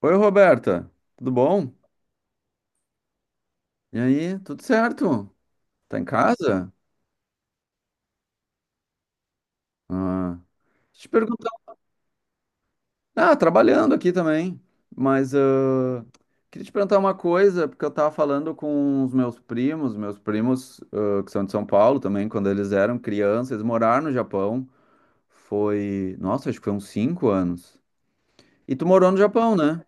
Oi, Roberta, tudo bom? E aí, tudo certo? Tá em casa? Ah, deixa eu te perguntar. Ah, trabalhando aqui também, mas ah, queria te perguntar uma coisa, porque eu tava falando com os meus primos ah, que são de São Paulo também. Quando eles eram crianças, eles moraram no Japão, foi, nossa, acho que foi uns 5 anos. E tu morou no Japão, né?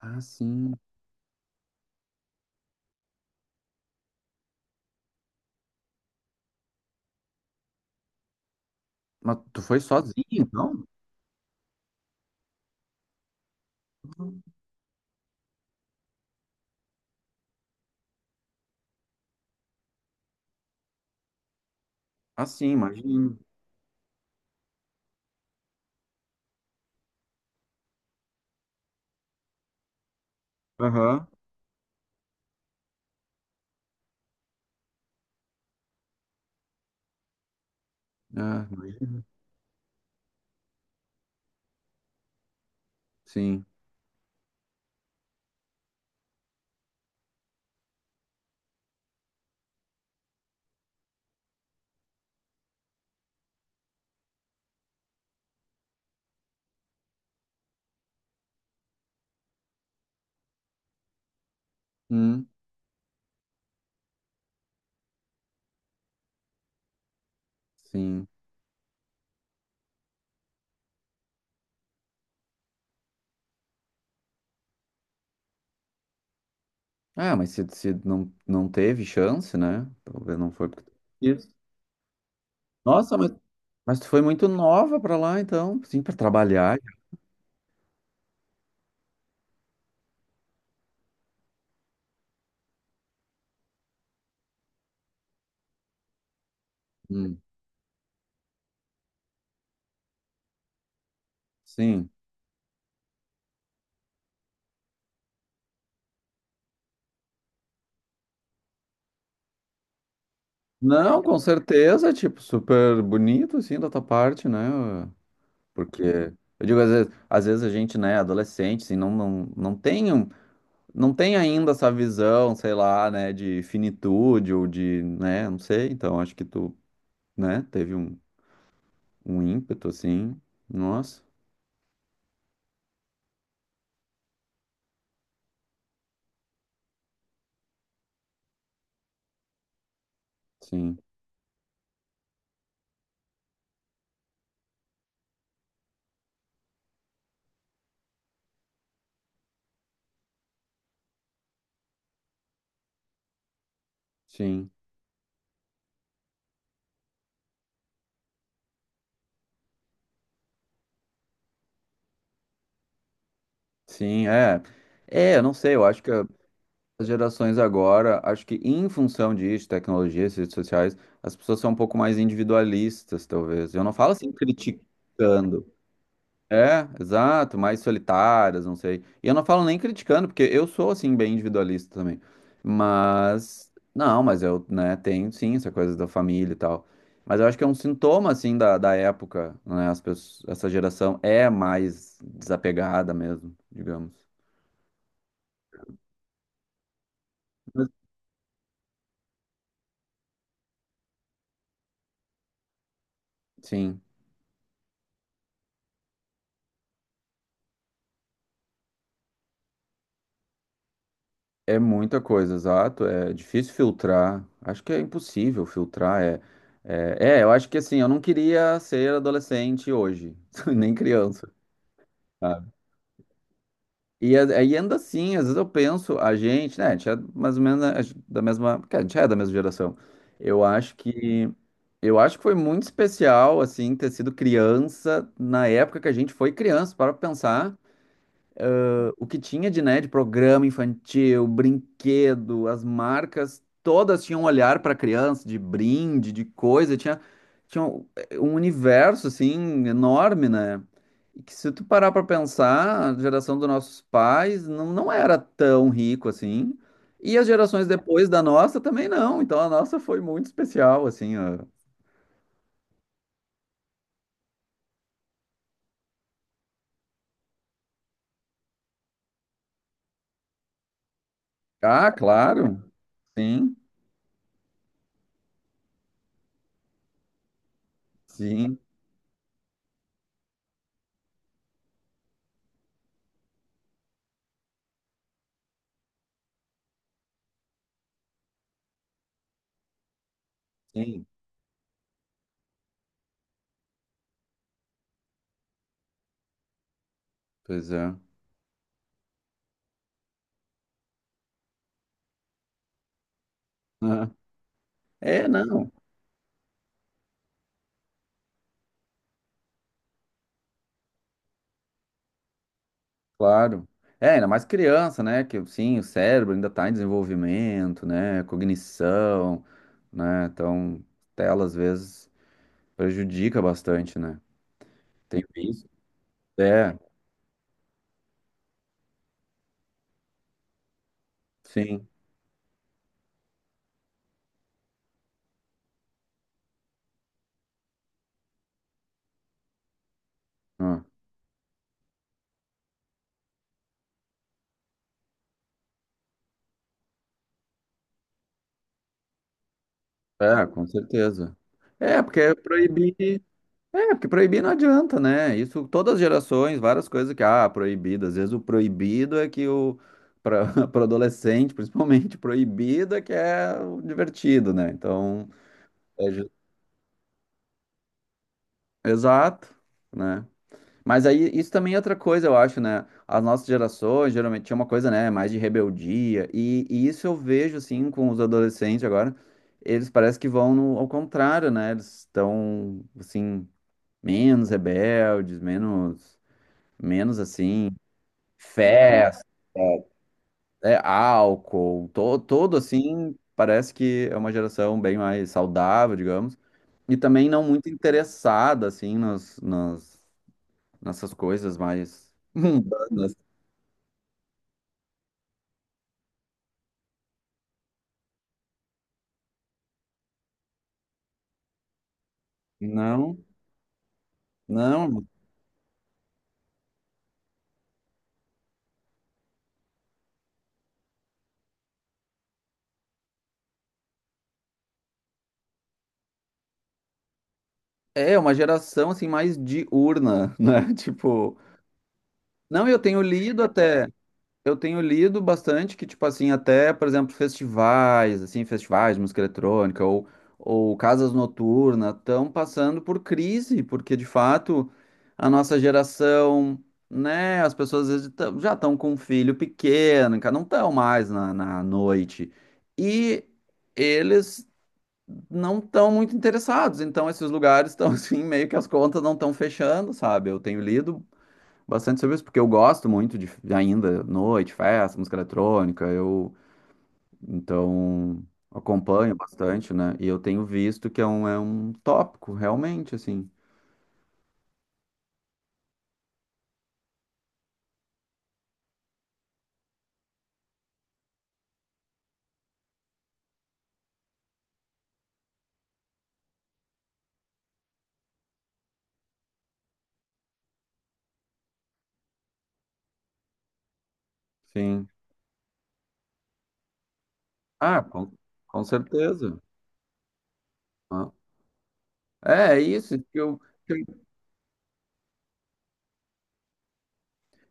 Ah, sim. Mas tu foi sozinho, então? Ah, sim, imagino. Aham. Ah, imagino. Sim. Hum. Sim. Ah, mas se não teve chance, né? Talvez não foi porque. Isso. Nossa, mas tu foi muito nova pra lá, então, sim, pra trabalhar. Hum, sim. Não, com certeza, tipo, super bonito, assim, da tua parte, né? Porque, eu digo, às vezes a gente, né, adolescente, assim, não tem, não tem ainda essa visão, sei lá, né, de finitude ou de, né, não sei. Então, acho que tu, né, teve um ímpeto, assim. Nossa, sim. Sim, sim, é. É, eu não sei, eu acho que as gerações agora, acho que em função disso, tecnologia, essas redes sociais, as pessoas são um pouco mais individualistas, talvez. Eu não falo assim criticando. É, exato, mais solitárias, não sei. E eu não falo nem criticando, porque eu sou, assim, bem individualista também. Mas, não, mas eu, né, tenho sim essa coisa da família e tal. Mas eu acho que é um sintoma, assim, da época, né? As pessoas, essa geração é mais desapegada mesmo, digamos. Mas, sim, é muita coisa, exato. É difícil filtrar. Acho que é impossível filtrar. É, eu acho que, assim, eu não queria ser adolescente hoje, nem criança. Tá? E aí anda assim, às vezes eu penso, a gente, né, a gente é mais ou menos, né, da mesma, porque a gente é da mesma geração. Eu acho que eu acho que foi muito especial assim ter sido criança na época que a gente foi criança, para pensar. O que tinha de, né, de programa infantil, brinquedo, as marcas, todas tinham um olhar para criança, de brinde, de coisa, tinha, tinha um universo, assim, enorme, né? E que se tu parar para pensar, a geração dos nossos pais não era tão rico assim, e as gerações depois da nossa também não, então a nossa foi muito especial, assim, ó. Ah, claro, sim, sim, sim, pois é. Ah. É, não. Claro. É, ainda mais criança, né? Que sim, o cérebro ainda está em desenvolvimento, né? Cognição, né? Então, tela às vezes prejudica bastante, né? Tem isso? É, sim. Ah. É, com certeza. É, porque proibir. É, porque proibir não adianta, né? Isso, todas as gerações, várias coisas que, ah, proibido. Às vezes o proibido é que o. Para adolescente, principalmente, proibido é que é o divertido, né? Então. É. Exato, né? Mas aí isso também é outra coisa, eu acho, né? As nossas gerações geralmente tinha uma coisa, né, mais de rebeldia, e isso eu vejo assim com os adolescentes agora. Eles parece que vão ao contrário, né? Eles estão assim menos rebeldes, menos assim festa, é, álcool, todo assim, parece que é uma geração bem mais saudável, digamos, e também não muito interessada assim nos, nos nessas coisas mais mundanas. Não, não. É uma geração assim mais diurna, né? Tipo, não, eu tenho lido até, eu tenho lido bastante que tipo assim, até, por exemplo, festivais, assim, festivais de música eletrônica ou casas noturnas estão passando por crise, porque de fato a nossa geração. Né, as pessoas às vezes já estão com um filho pequeno, cara, não estão mais na noite. E eles não estão muito interessados. Então, esses lugares estão assim, meio que as contas não estão fechando, sabe? Eu tenho lido bastante sobre isso, porque eu gosto muito de ainda noite, festa, música eletrônica. Eu então acompanho bastante, né? E eu tenho visto que é um tópico, realmente, assim. Sim. Ah, com certeza. Ah. É, é isso que eu. que eu-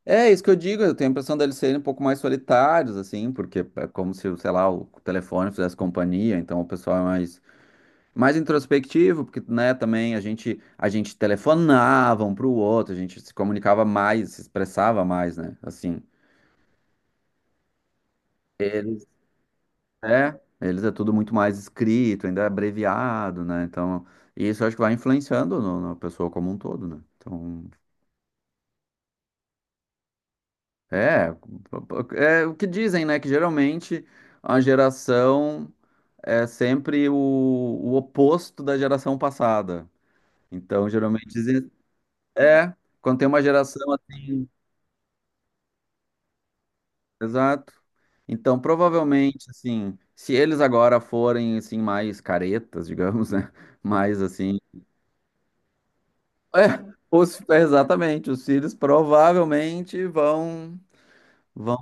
É isso que eu digo, eu tenho a impressão deles serem um pouco mais solitários, assim, porque é como se, sei lá, o telefone fizesse companhia, então o pessoal é mais introspectivo, porque, né, também a gente telefonava um para o outro, a gente se comunicava mais, se expressava mais, né? Assim, eles eles é tudo muito mais escrito, ainda é abreviado, né? Então, isso eu acho que vai influenciando na pessoa como um todo, né? Então, é, é o que dizem, né, que geralmente a geração é sempre o oposto da geração passada. Então, geralmente dizem, é, quando tem uma geração assim, exato. Então, provavelmente, assim, se eles agora forem, assim, mais caretas, digamos, né? Mais, assim... É, é, exatamente, os filhos provavelmente vão.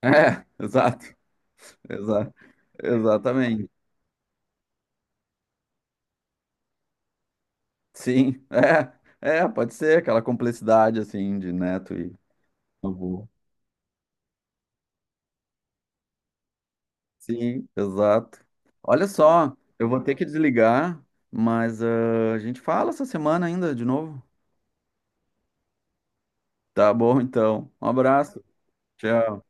É, exato, exa, exatamente. Sim, pode ser aquela complexidade, assim, de neto e avô. Sim, exato. Olha só, eu vou ter que desligar, mas ah, a gente fala essa semana ainda, de novo. Tá bom, então. Um abraço. Tchau.